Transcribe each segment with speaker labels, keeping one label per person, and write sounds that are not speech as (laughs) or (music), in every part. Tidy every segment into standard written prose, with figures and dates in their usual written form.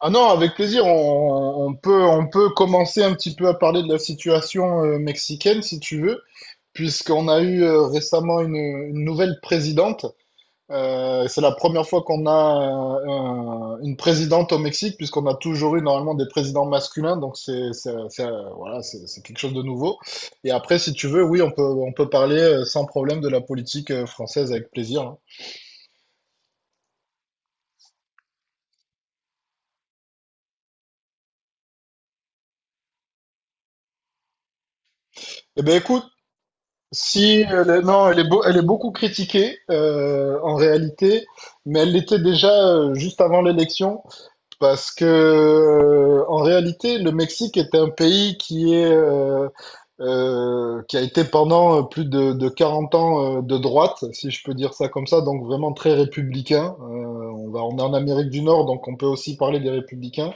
Speaker 1: Ah non, avec plaisir, on peut commencer un petit peu à parler de la situation mexicaine si tu veux, puisqu'on a eu récemment une nouvelle présidente. C'est la première fois qu'on a une présidente au Mexique, puisqu'on a toujours eu normalement des présidents masculins, donc c'est quelque chose de nouveau. Et après, si tu veux, oui, on peut parler sans problème de la politique française avec plaisir, hein. Eh ben écoute, si, non, elle est, elle est beaucoup critiquée en réalité, mais elle l'était déjà juste avant l'élection, parce que en réalité, le Mexique est un pays qui est qui a été pendant plus de 40 ans de droite, si je peux dire ça comme ça, donc vraiment très républicain. On est en Amérique du Nord, donc on peut aussi parler des républicains.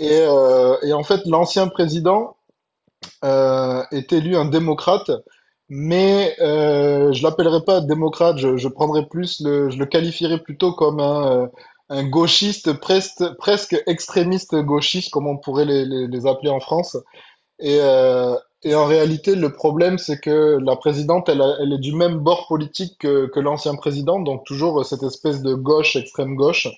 Speaker 1: Et en fait, l'ancien président est élu un démocrate, mais je l'appellerai pas démocrate, je prendrais je le qualifierais plutôt comme un gauchiste presque, presque extrémiste gauchiste, comme on pourrait les appeler en France. Et, euh, et en réalité, le problème, c'est que la présidente, elle, elle est du même bord politique que l'ancien président, donc toujours cette espèce de gauche, extrême gauche.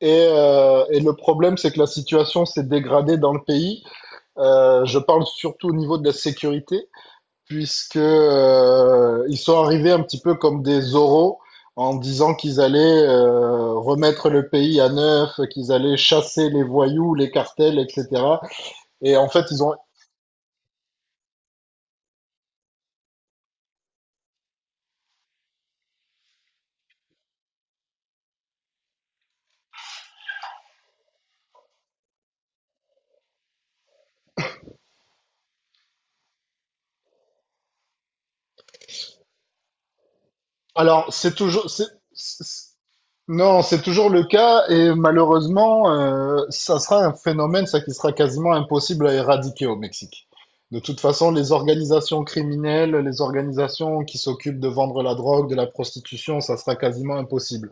Speaker 1: Et le problème, c'est que la situation s'est dégradée dans le pays. Je parle surtout au niveau de la sécurité, puisque ils sont arrivés un petit peu comme des oraux en disant qu'ils allaient remettre le pays à neuf, qu'ils allaient chasser les voyous, les cartels, etc. Et en fait, ils ont. Alors, c'est- non, c'est toujours le cas et malheureusement, ça sera un phénomène, ça qui sera quasiment impossible à éradiquer au Mexique. De toute façon, les organisations criminelles, les organisations qui s'occupent de vendre la drogue, de la prostitution, ça sera quasiment impossible.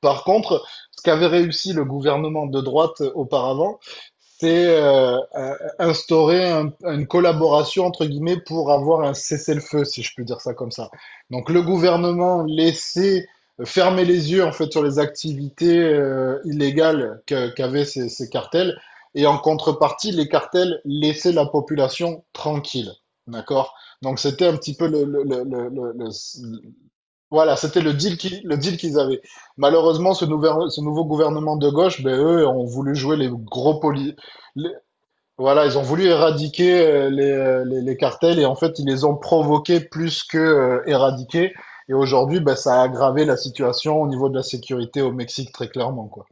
Speaker 1: Par contre, ce qu'avait réussi le gouvernement de droite auparavant, c'est instaurer une collaboration entre guillemets pour avoir un cessez-le-feu, si je peux dire ça comme ça. Donc le gouvernement laissait fermer les yeux en fait sur les activités illégales qu'avaient ces cartels et en contrepartie les cartels laissaient la population tranquille. D'accord? Donc c'était un petit peu voilà, c'était le deal qu'ils avaient. Malheureusement, ce nouveau gouvernement de gauche, ben eux ont voulu jouer voilà, ils ont voulu éradiquer les cartels et en fait, ils les ont provoqués plus que éradiqués. Et aujourd'hui, ben, ça a aggravé la situation au niveau de la sécurité au Mexique, très clairement, quoi.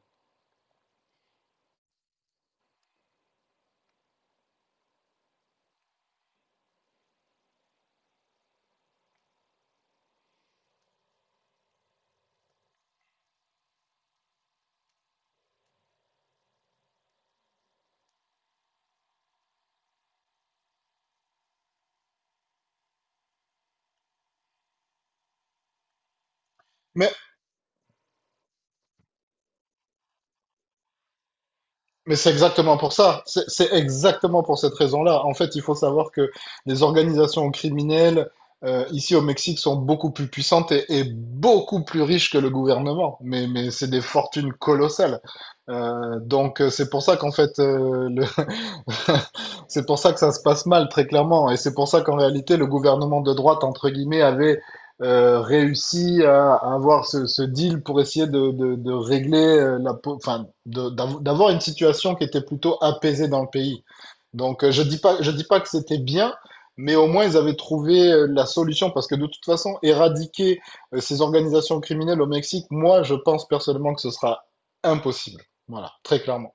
Speaker 1: Mais, mais c'est exactement pour ça. C'est exactement pour cette raison-là. En fait, il faut savoir que les organisations criminelles ici au Mexique sont beaucoup plus puissantes et beaucoup plus riches que le gouvernement. Mais c'est des fortunes colossales. C'est pour ça qu'en fait, (laughs) c'est pour ça que ça se passe mal, très clairement. Et c'est pour ça qu'en réalité, le gouvernement de droite, entre guillemets, avait réussi à avoir ce deal pour essayer de régler enfin, d'avoir une situation qui était plutôt apaisée dans le pays. Je dis pas que c'était bien, mais au moins ils avaient trouvé la solution parce que de toute façon, éradiquer ces organisations criminelles au Mexique, moi, je pense personnellement que ce sera impossible. Voilà, très clairement.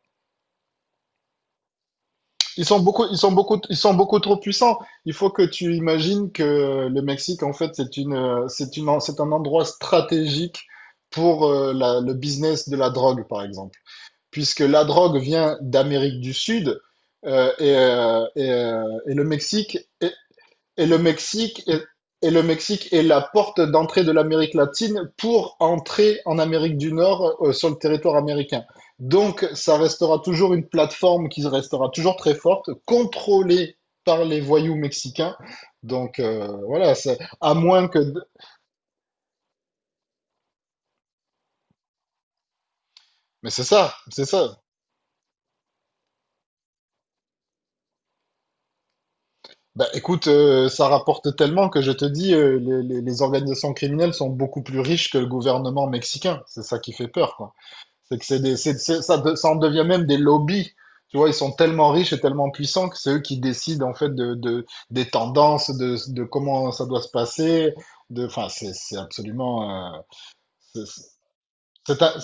Speaker 1: Ils sont beaucoup trop puissants. Il faut que tu imagines que le Mexique, en fait, c'est un endroit stratégique pour le business de la drogue, par exemple, puisque la drogue vient d'Amérique du Sud euh, et, euh, et, euh, et le Mexique et le Mexique est et le Mexique est la porte d'entrée de l'Amérique latine pour entrer en Amérique du Nord sur le territoire américain. Donc, ça restera toujours une plateforme qui restera toujours très forte, contrôlée par les voyous mexicains. Donc, voilà, c'est- à moins que... de- Mais c'est ça, c'est ça. Bah, écoute, ça rapporte tellement que je te dis, les organisations criminelles sont beaucoup plus riches que le gouvernement mexicain. C'est ça qui fait peur, quoi. C'est que c'est des, c'est- ça, de- Ça en devient même des lobbies. Tu vois, ils sont tellement riches et tellement puissants que c'est eux qui décident en fait de des tendances, de comment ça doit se passer. De, enfin, c'est absolument. C'est, c'est c'est un-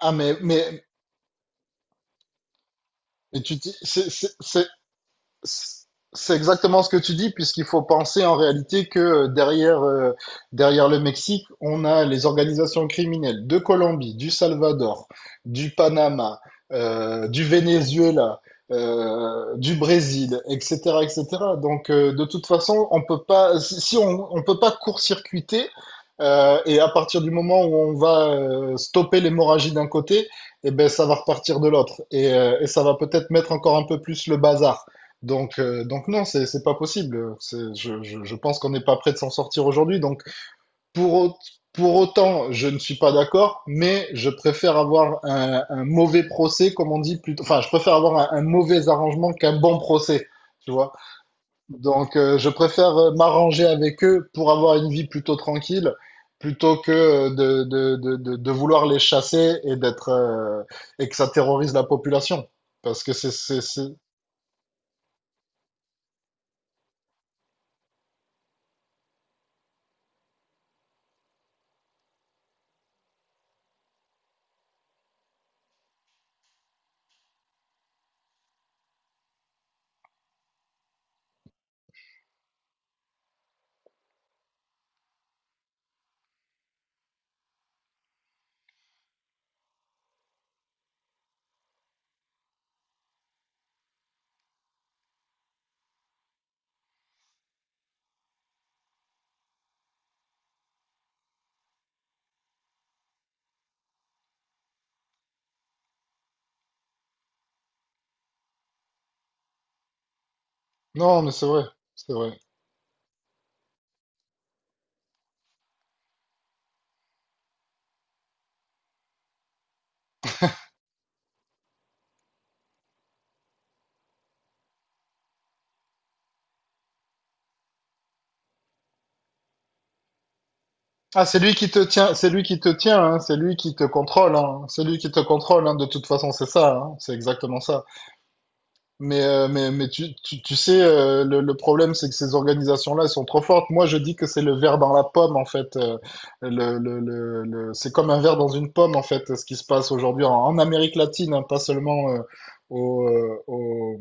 Speaker 1: ah, mais et tu, dis- c'est exactement ce que tu dis, puisqu'il faut penser en réalité que derrière le Mexique, on a les organisations criminelles de Colombie, du Salvador, du Panama, du Venezuela, du Brésil, etc., etc. De toute façon, on peut pas, si on, on peut pas court-circuiter, et à partir du moment où on va stopper l'hémorragie d'un côté, eh ben, ça va repartir de l'autre, et ça va peut-être mettre encore un peu plus le bazar. Non, c'est pas possible. Je pense qu'on n'est pas prêt de s'en sortir aujourd'hui. Donc, pour, au- pour autant, je ne suis pas d'accord, mais je préfère avoir un mauvais procès, comme on dit plutôt. Enfin, je préfère avoir un mauvais arrangement qu'un bon procès, tu vois. Je préfère m'arranger avec eux pour avoir une vie plutôt tranquille, plutôt que de vouloir les chasser et d'être et que ça terrorise la population. Parce que c'est... Non, mais c'est vrai, c'est vrai. Ah, c'est lui qui te tient, c'est lui qui te tient, hein, c'est lui qui te contrôle, hein, c'est lui qui te contrôle, hein, de toute façon, c'est ça, hein, c'est exactement ça. Mais tu sais, le problème, c'est que ces organisations-là, elles sont trop fortes. Moi, je dis que c'est le verre dans la pomme, en fait. C'est comme un verre dans une pomme, en fait, ce qui se passe aujourd'hui en Amérique latine, hein, pas seulement au, euh, au,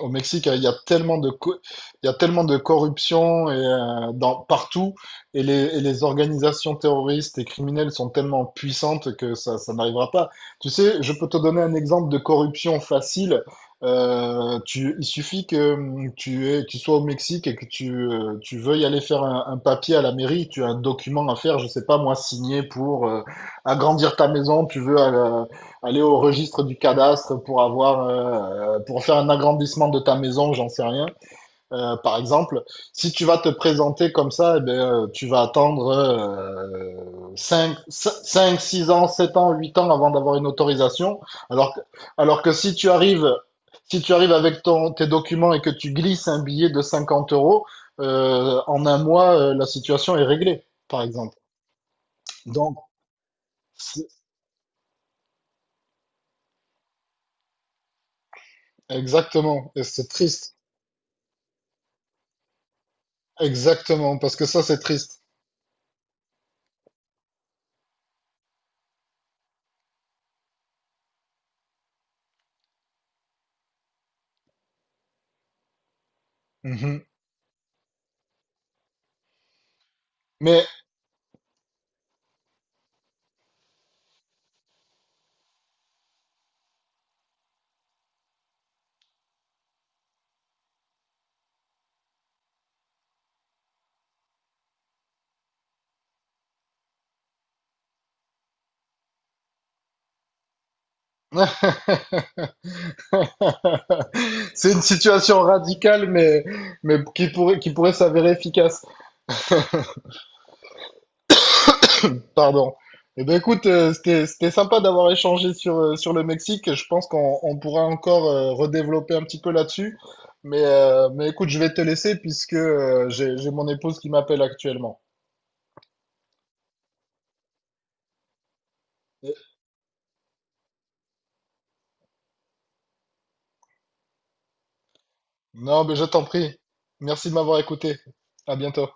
Speaker 1: au Mexique. Il y a tellement de corruption partout. Et les organisations terroristes et criminelles sont tellement puissantes que ça n'arrivera pas. Tu sais, je peux te donner un exemple de corruption facile. Il suffit que tu sois au Mexique et que tu veuilles aller faire un papier à la mairie, tu as un document à faire, je sais pas moi, signé pour agrandir ta maison, tu veux aller au registre du cadastre pour avoir, pour faire un agrandissement de ta maison, j'en sais rien. Par exemple, si tu vas te présenter comme ça, eh ben, tu vas attendre 5, 6 ans, 7 ans, 8 ans avant d'avoir une autorisation. Alors que, alors que si tu arrives avec tes documents et que tu glisses un billet de 50 euros, en un mois, la situation est réglée, par exemple. Donc, c'est- Exactement, et c'est triste. Exactement, parce que ça, c'est triste. Mhm. Mais (laughs) (laughs) c'est une situation radicale, mais, qui pourrait s'avérer efficace. Pardon. Eh ben écoute, c'était sympa d'avoir échangé sur, sur le Mexique. Je pense qu'on on pourra encore redévelopper un petit peu là-dessus. Mais écoute, je vais te laisser puisque j'ai mon épouse qui m'appelle actuellement. Non, mais je t'en prie. Merci de m'avoir écouté. À bientôt.